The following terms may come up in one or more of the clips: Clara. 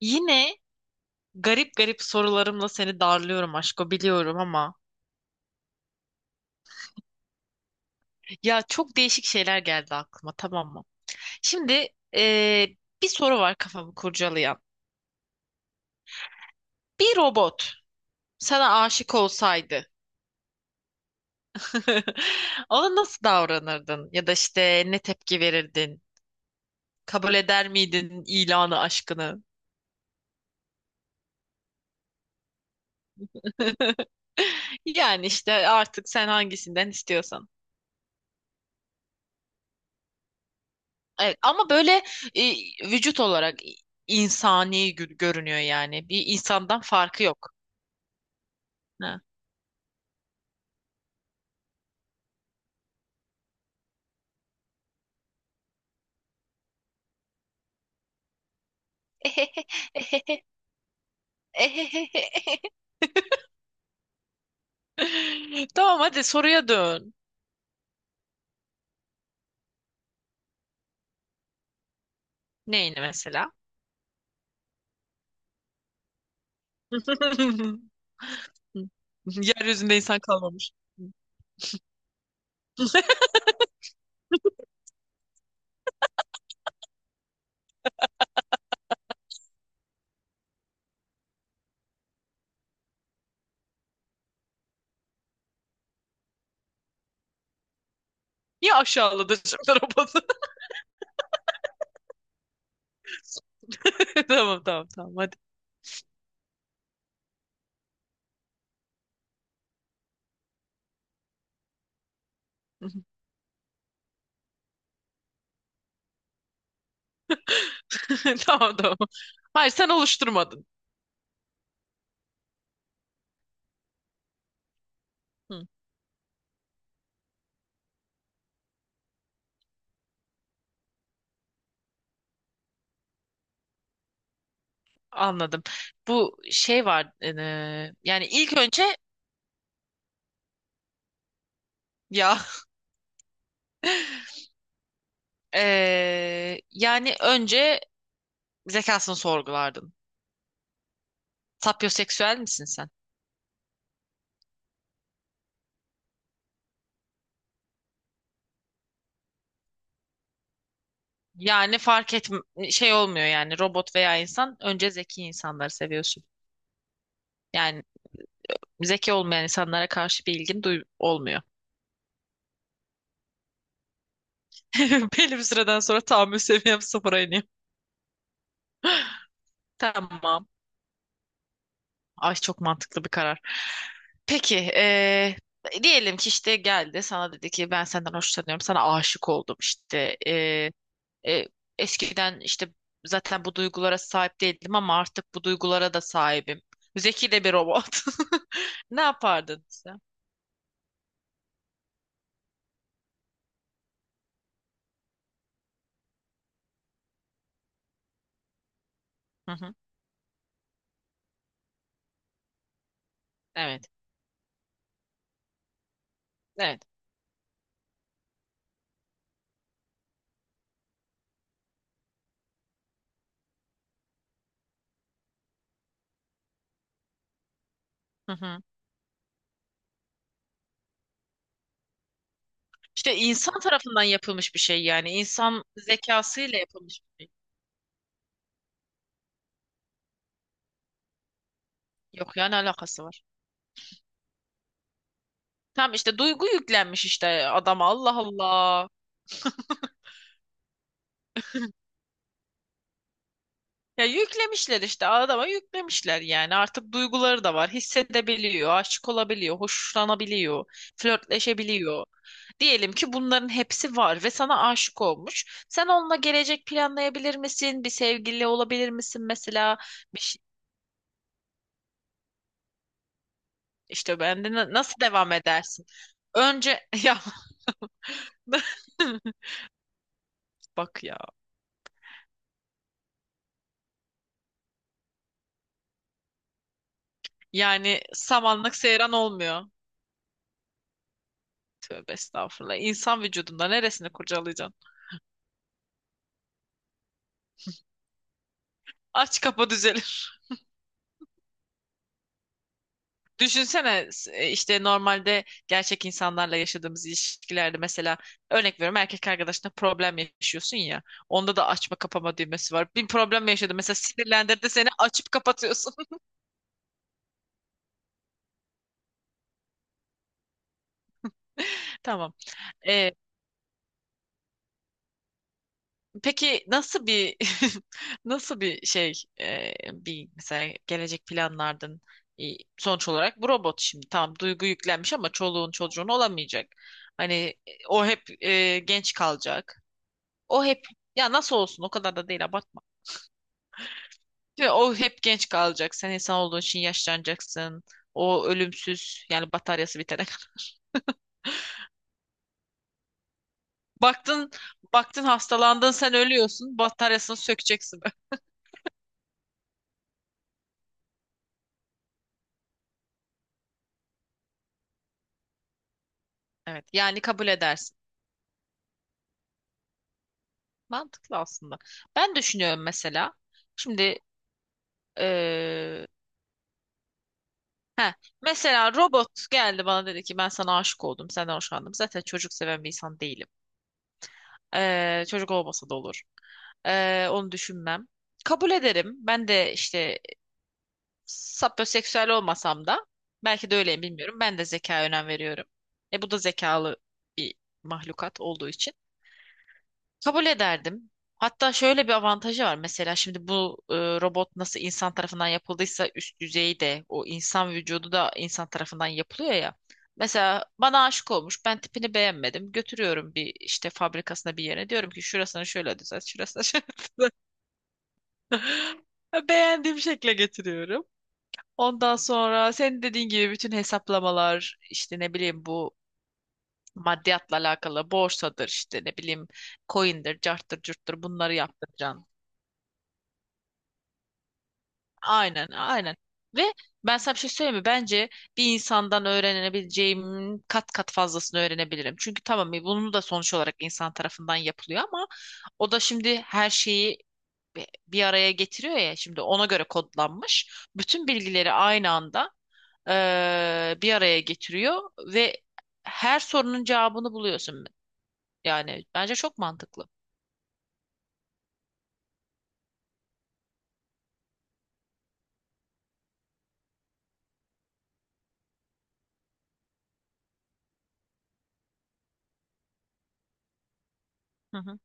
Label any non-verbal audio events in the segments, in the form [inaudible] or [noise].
Yine garip garip sorularımla seni darlıyorum aşko biliyorum ama ya çok değişik şeyler geldi aklıma tamam mı? Şimdi eee, bir soru var kafamı kurcalayan. Bir robot sana aşık olsaydı [laughs] ona nasıl davranırdın? Ya da işte ne tepki verirdin? Kabul eder miydin ilanı aşkını? [laughs] Yani işte artık sen hangisinden istiyorsan. Evet, ama böyle e, vücut olarak insani görünüyor yani. Bir insandan farkı yok. Ha. [laughs] Tamam, hadi soruya dön. Neyini mesela? [laughs] Yeryüzünde insan kalmamış. Niye aşağıladı şimdi robotu? [laughs] Tamam tamam tamam, hadi. [laughs] Tamam tamam. Hayır, sen oluşturmadın. Hı, anladım. Bu şey var. Yani ilk önce ya [laughs] yani önce zekasını sorgulardın. Sapyoseksüel misin sen? Yani fark et şey olmuyor yani robot veya insan önce zeki insanları seviyorsun. Yani zeki olmayan insanlara karşı bir ilgin duy olmuyor. [laughs] Belli bir süreden sonra tahammül seviyem sıfıra iniyor. Tamam. Ay çok mantıklı bir karar. Peki diyelim ki işte geldi sana dedi ki ben senden hoşlanıyorum sana aşık oldum işte. E, Eskiden işte zaten bu duygulara sahip değildim ama artık bu duygulara da sahibim. Zeki de bir robot. [laughs] Ne yapardın sen? Hı hı. Evet. Evet. Hı hı. İşte insan tarafından yapılmış bir şey yani. İnsan zekasıyla yapılmış bir şey. Yok ya, ne alakası var? Tam işte duygu yüklenmiş işte adama. Allah Allah. Ya yüklemişler işte adama, yüklemişler yani artık duyguları da var, hissedebiliyor, aşık olabiliyor, hoşlanabiliyor, flörtleşebiliyor, diyelim ki bunların hepsi var ve sana aşık olmuş, sen onunla gelecek planlayabilir misin, bir sevgili olabilir misin mesela, bir şey, işte ben de nasıl devam edersin önce [laughs] ya [laughs] bak ya yani samanlık seyran olmuyor, tövbe estağfurullah. İnsan vücudunda neresini kurcalayacaksın, aç kapa düzelir. Düşünsene işte normalde gerçek insanlarla yaşadığımız ilişkilerde mesela örnek veriyorum erkek arkadaşına problem yaşıyorsun ya. Onda da açma kapama düğmesi var. Bir problem yaşadı mesela, sinirlendirdi seni, açıp kapatıyorsun. [laughs] Tamam. Ee, peki nasıl bir [laughs] nasıl bir şey bir mesela gelecek planlardın. E, Sonuç olarak bu robot şimdi tamam, duygu yüklenmiş ama çoluğun çocuğun olamayacak. Hani o hep genç kalacak. O hep, ya nasıl olsun, o kadar da değil, abartma. Şimdi o hep genç kalacak. Sen insan olduğun için yaşlanacaksın. O ölümsüz yani bataryası bitene kadar. [laughs] Baktın baktın hastalandın, sen ölüyorsun. Bataryasını sökeceksin. [laughs] Evet, yani kabul edersin. Mantıklı aslında. Ben düşünüyorum mesela. Şimdi eee heh, mesela robot geldi bana dedi ki ben sana aşık oldum. Senden hoşlandım. Zaten çocuk seven bir insan değilim. Çocuk olmasa da olur. Onu düşünmem. Kabul ederim. Ben de işte sapyoseksüel olmasam da belki de öyleyim, bilmiyorum. Ben de zekaya önem veriyorum. E bu da zekalı bir mahlukat olduğu için. Kabul ederdim. Hatta şöyle bir avantajı var. Mesela şimdi bu robot nasıl insan tarafından yapıldıysa üst düzeyi de, o insan vücudu da insan tarafından yapılıyor ya. Mesela bana aşık olmuş. Ben tipini beğenmedim. Götürüyorum bir işte fabrikasına bir yere. Diyorum ki şurasını şöyle düzelt, şurasını [laughs] şöyle düzelt. Beğendiğim şekle getiriyorum. Ondan sonra senin dediğin gibi bütün hesaplamalar işte ne bileyim bu maddiyatla alakalı, borsadır işte ne bileyim coin'dir, carttır, curttur, bunları yaptıracağım. Aynen, aynen. Ve ben sana bir şey söyleyeyim mi? Bence bir insandan öğrenebileceğim kat kat fazlasını öğrenebilirim. Çünkü tamam, bunu da sonuç olarak insan tarafından yapılıyor ama o da şimdi her şeyi bir araya getiriyor ya, şimdi ona göre kodlanmış. Bütün bilgileri aynı anda bir araya getiriyor ve her sorunun cevabını buluyorsun. Yani bence çok mantıklı. Hı hı.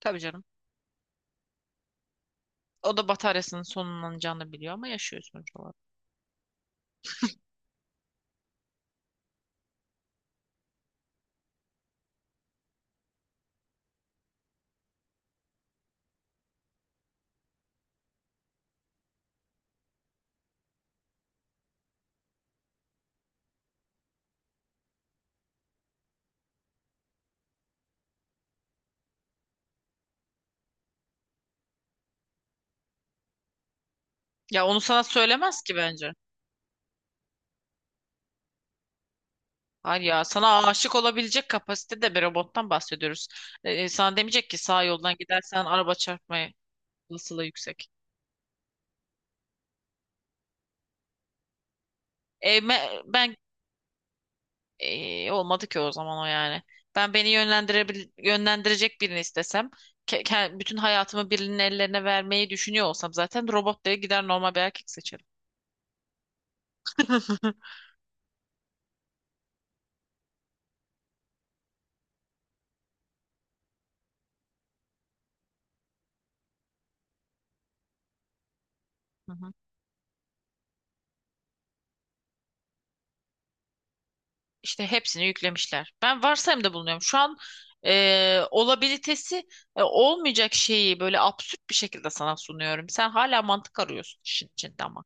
Tabii canım. O da bataryasının sonlanacağını biliyor ama yaşıyor sonuç olarak. Ya onu sana söylemez ki bence. Hayır ya, sana aşık olabilecek kapasitede bir robottan bahsediyoruz. Sana demeyecek ki sağ yoldan gidersen araba çarpma olasılığı yüksek. Ben olmadı ki o zaman o yani. Ben beni yönlendirecek birini istesem, bütün hayatımı birinin ellerine vermeyi düşünüyor olsam zaten robot diye gider normal bir erkek seçerim. [laughs] Hı hı. İşte hepsini yüklemişler. Ben varsayımda bulunuyorum. Şu an olabilitesi olmayacak şeyi böyle absürt bir şekilde sana sunuyorum. Sen hala mantık arıyorsun işin içinde ama.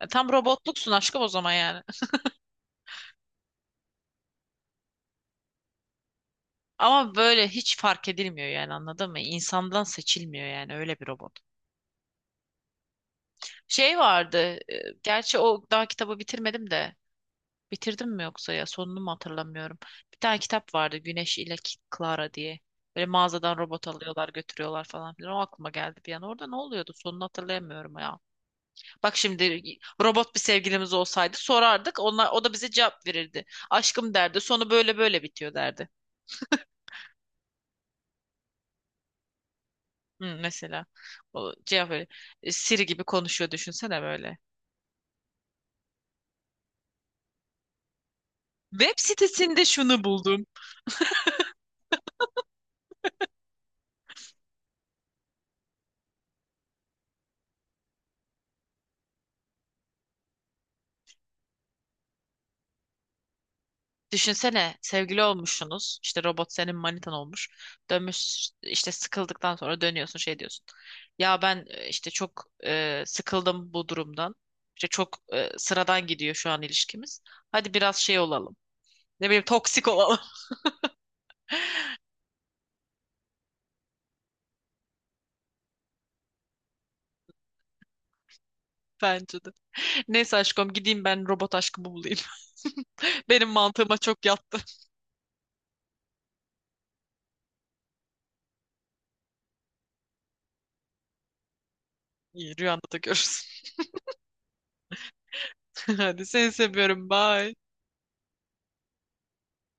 Tam robotluksun aşkım o zaman yani. [laughs] Ama böyle hiç fark edilmiyor yani, anladın mı? İnsandan seçilmiyor yani öyle bir robot. Şey vardı. Gerçi o daha kitabı bitirmedim de. Bitirdim mi yoksa ya, sonunu mu hatırlamıyorum. Bir tane kitap vardı Güneş ile Clara diye. Böyle mağazadan robot alıyorlar, götürüyorlar falan filan. O aklıma geldi bir an. Orada ne oluyordu? Sonunu hatırlayamıyorum ya. Bak şimdi robot bir sevgilimiz olsaydı sorardık. Onlar, o da bize cevap verirdi. Aşkım derdi. Sonu böyle böyle bitiyor derdi. Hı, mesela o cevap böyle. Siri gibi konuşuyor düşünsene böyle. Web sitesinde şunu buldum. Düşünsene sevgili olmuşsunuz. İşte robot senin manitan olmuş. Dönmüş işte, sıkıldıktan sonra dönüyorsun şey diyorsun. Ya ben işte çok sıkıldım bu durumdan. İşte çok sıradan gidiyor şu an ilişkimiz. Hadi biraz şey olalım. Ne bileyim toksik olalım. [laughs] Bence de. Neyse aşkım, gideyim ben robot aşkımı bulayım. [laughs] Benim mantığıma çok yattı. İyi, rüyanda da görürsün. [laughs] Hadi, seni seviyorum. Bye.